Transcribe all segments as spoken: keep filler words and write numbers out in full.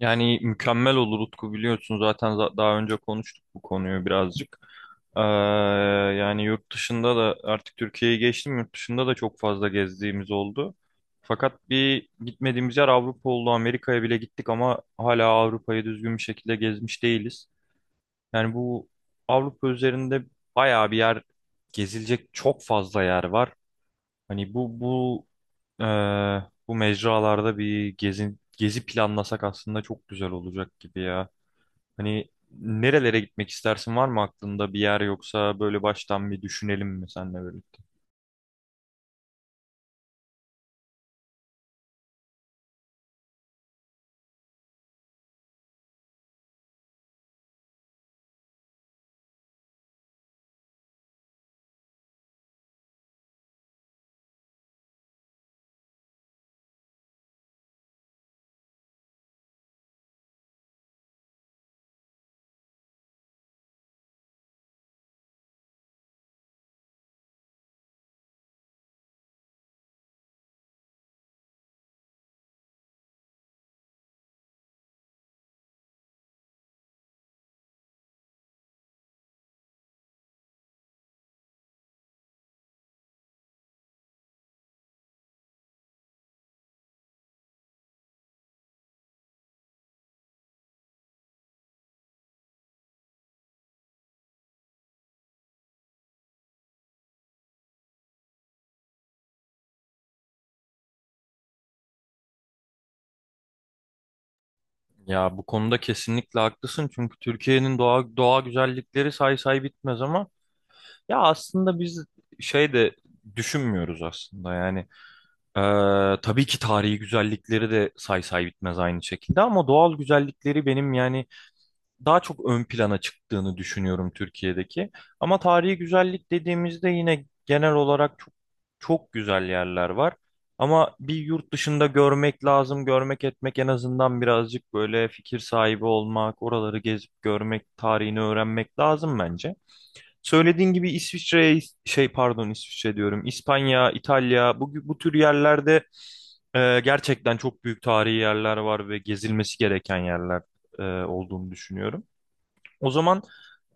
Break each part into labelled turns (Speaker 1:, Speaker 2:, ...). Speaker 1: Yani mükemmel olur Utku biliyorsun zaten za- daha önce konuştuk bu konuyu birazcık. Ee, Yani yurt dışında da artık Türkiye'yi geçtim yurt dışında da çok fazla gezdiğimiz oldu. Fakat bir gitmediğimiz yer Avrupa oldu. Amerika'ya bile gittik ama hala Avrupa'yı düzgün bir şekilde gezmiş değiliz. Yani bu Avrupa üzerinde bayağı bir yer gezilecek çok fazla yer var. Hani bu bu ee, bu mecralarda bir gezi, gezi planlasak aslında çok güzel olacak gibi ya. Hani nerelere gitmek istersin, var mı aklında bir yer, yoksa böyle baştan bir düşünelim mi seninle birlikte? Ya bu konuda kesinlikle haklısın çünkü Türkiye'nin doğa, doğa güzellikleri say say bitmez ama ya aslında biz şey de düşünmüyoruz aslında yani. Ee, tabii ki tarihi güzellikleri de say say bitmez aynı şekilde ama doğal güzellikleri benim yani daha çok ön plana çıktığını düşünüyorum Türkiye'deki. Ama tarihi güzellik dediğimizde yine genel olarak çok çok güzel yerler var. Ama bir yurt dışında görmek lazım, görmek etmek, en azından birazcık böyle fikir sahibi olmak, oraları gezip görmek, tarihini öğrenmek lazım bence. Söylediğin gibi İsviçre, şey pardon İsviçre diyorum, İspanya, İtalya, bu, bu tür yerlerde e, gerçekten çok büyük tarihi yerler var ve gezilmesi gereken yerler e, olduğunu düşünüyorum. O zaman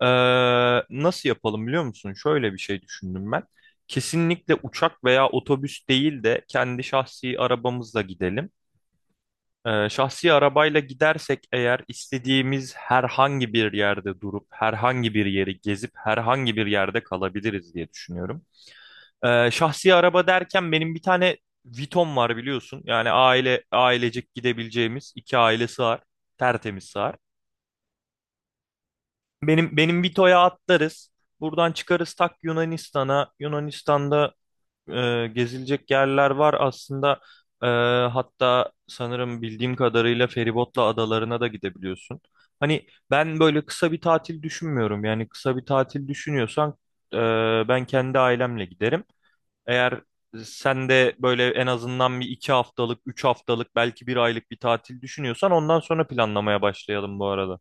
Speaker 1: eee, nasıl yapalım biliyor musun? Şöyle bir şey düşündüm ben. Kesinlikle uçak veya otobüs değil de kendi şahsi arabamızla gidelim. Eee, şahsi arabayla gidersek eğer istediğimiz herhangi bir yerde durup herhangi bir yeri gezip herhangi bir yerde kalabiliriz diye düşünüyorum. Eee, şahsi araba derken benim bir tane Vitom var biliyorsun. Yani aile ailecek gidebileceğimiz, iki aile sığar. Tertemiz sığar. Benim benim Vito'ya atlarız. Buradan çıkarız tak Yunanistan'a. Yunanistan'da e, gezilecek yerler var aslında. E, Hatta sanırım bildiğim kadarıyla feribotla adalarına da gidebiliyorsun. Hani ben böyle kısa bir tatil düşünmüyorum. Yani kısa bir tatil düşünüyorsan e, ben kendi ailemle giderim. Eğer sen de böyle en azından bir iki haftalık, üç haftalık, belki bir aylık bir tatil düşünüyorsan ondan sonra planlamaya başlayalım bu arada.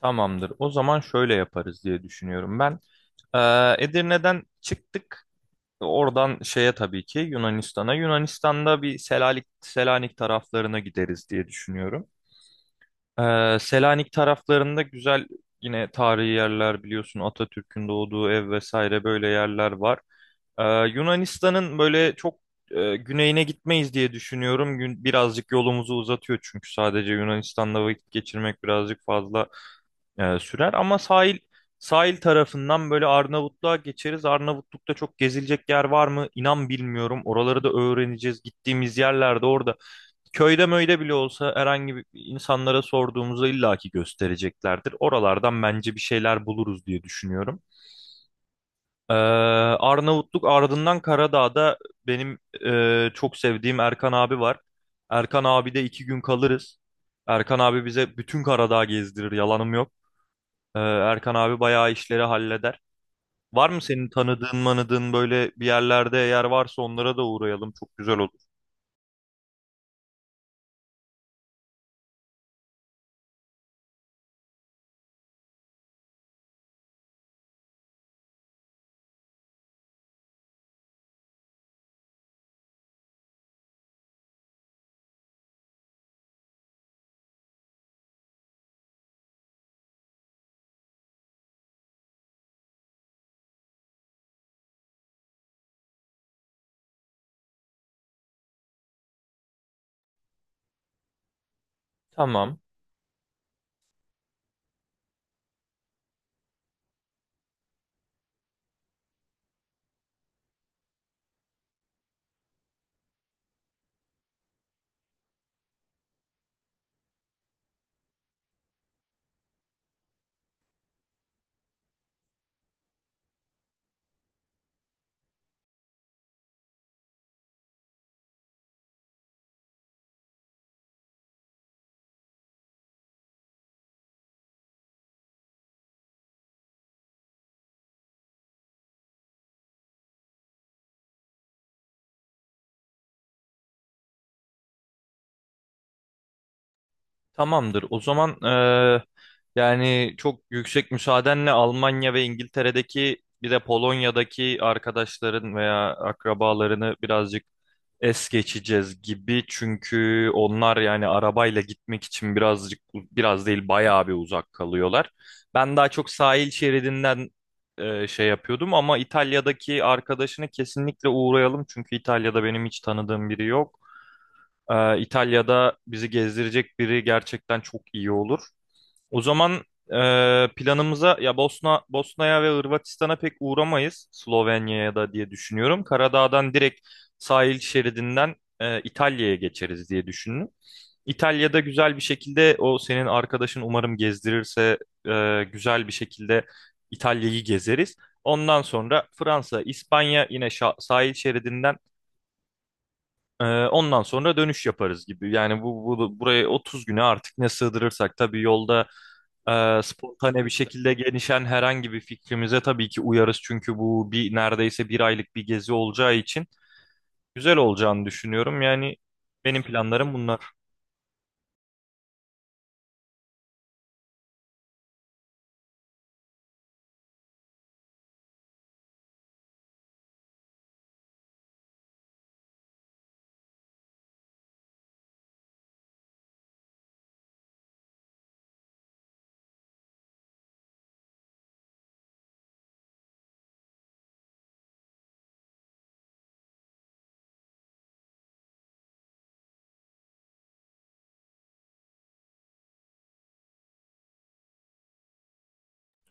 Speaker 1: Tamamdır. O zaman şöyle yaparız diye düşünüyorum ben. Ee, Edirne'den çıktık. Oradan şeye tabii ki Yunanistan'a. Yunanistan'da bir Selanik, Selanik taraflarına gideriz diye düşünüyorum. Ee, Selanik taraflarında güzel yine tarihi yerler biliyorsun, Atatürk'ün doğduğu ev vesaire, böyle yerler var. Ee, Yunanistan'ın böyle çok e, güneyine gitmeyiz diye düşünüyorum. Gün, birazcık yolumuzu uzatıyor çünkü sadece Yunanistan'da vakit geçirmek birazcık fazla e, sürer, ama sahil sahil tarafından böyle Arnavutluğa geçeriz. Arnavutluk'ta çok gezilecek yer var mı? İnan bilmiyorum. Oraları da öğreneceğiz. Gittiğimiz yerlerde orada köyde möyde bile olsa herhangi bir insanlara sorduğumuzda illaki göstereceklerdir. Oralardan bence bir şeyler buluruz diye düşünüyorum. Ee, Arnavutluk ardından Karadağ'da benim e, çok sevdiğim Erkan abi var. Erkan abi de iki gün kalırız. Erkan abi bize bütün Karadağ gezdirir, yalanım yok. Ee, Erkan abi bayağı işleri halleder. Var mı senin tanıdığın manıdığın böyle bir yerlerde? Eğer varsa onlara da uğrayalım. Çok güzel olur. Tamam. Tamamdır. O zaman eee, yani çok yüksek müsaadenle Almanya ve İngiltere'deki bir de Polonya'daki arkadaşların veya akrabalarını birazcık es geçeceğiz gibi. Çünkü onlar yani arabayla gitmek için birazcık, biraz değil bayağı bir uzak kalıyorlar. Ben daha çok sahil şeridinden eee, şey yapıyordum ama İtalya'daki arkadaşını kesinlikle uğrayalım. Çünkü İtalya'da benim hiç tanıdığım biri yok. Ee, İtalya'da bizi gezdirecek biri gerçekten çok iyi olur. O zaman e, planımıza ya Bosna Bosna'ya ve Hırvatistan'a pek uğramayız. Slovenya'ya da diye düşünüyorum. Karadağ'dan direkt sahil şeridinden e, İtalya'ya geçeriz diye düşündüm. İtalya'da güzel bir şekilde o senin arkadaşın umarım gezdirirse e, güzel bir şekilde İtalya'yı gezeriz. Ondan sonra Fransa, İspanya yine şa- sahil şeridinden ee, ondan sonra dönüş yaparız gibi. Yani bu, bu buraya otuz güne artık ne sığdırırsak, tabii yolda e, spontane bir şekilde gelişen herhangi bir fikrimize tabii ki uyarız. Çünkü bu bir neredeyse bir aylık bir gezi olacağı için güzel olacağını düşünüyorum. Yani benim planlarım bunlar.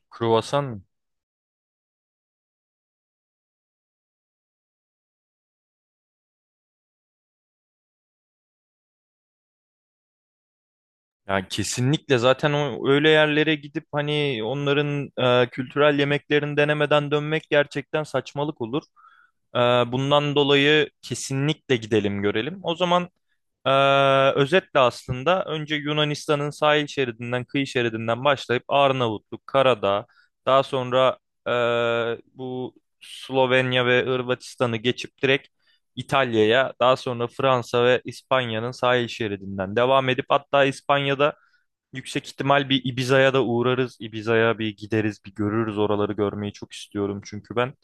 Speaker 1: Kruvasan mı? Yani kesinlikle zaten o öyle yerlere gidip hani onların e, kültürel yemeklerini denemeden dönmek gerçekten saçmalık olur. E, Bundan dolayı kesinlikle gidelim görelim. O zaman Ee, özetle aslında önce Yunanistan'ın sahil şeridinden, kıyı şeridinden başlayıp Arnavutluk, Karadağ, daha sonra ee, bu Slovenya ve Hırvatistan'ı geçip direkt İtalya'ya, daha sonra Fransa ve İspanya'nın sahil şeridinden devam edip, hatta İspanya'da yüksek ihtimal bir Ibiza'ya da uğrarız. Ibiza'ya bir gideriz, bir görürüz, oraları görmeyi çok istiyorum çünkü ben.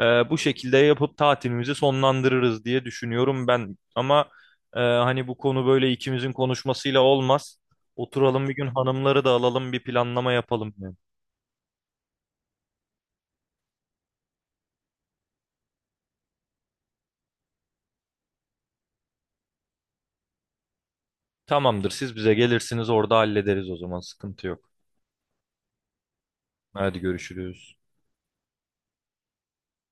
Speaker 1: Ee, bu şekilde yapıp tatilimizi sonlandırırız diye düşünüyorum ben. Ama e, hani bu konu böyle ikimizin konuşmasıyla olmaz. Oturalım bir gün, hanımları da alalım, bir planlama yapalım yani. Tamamdır, siz bize gelirsiniz, orada hallederiz, o zaman sıkıntı yok. Hadi görüşürüz.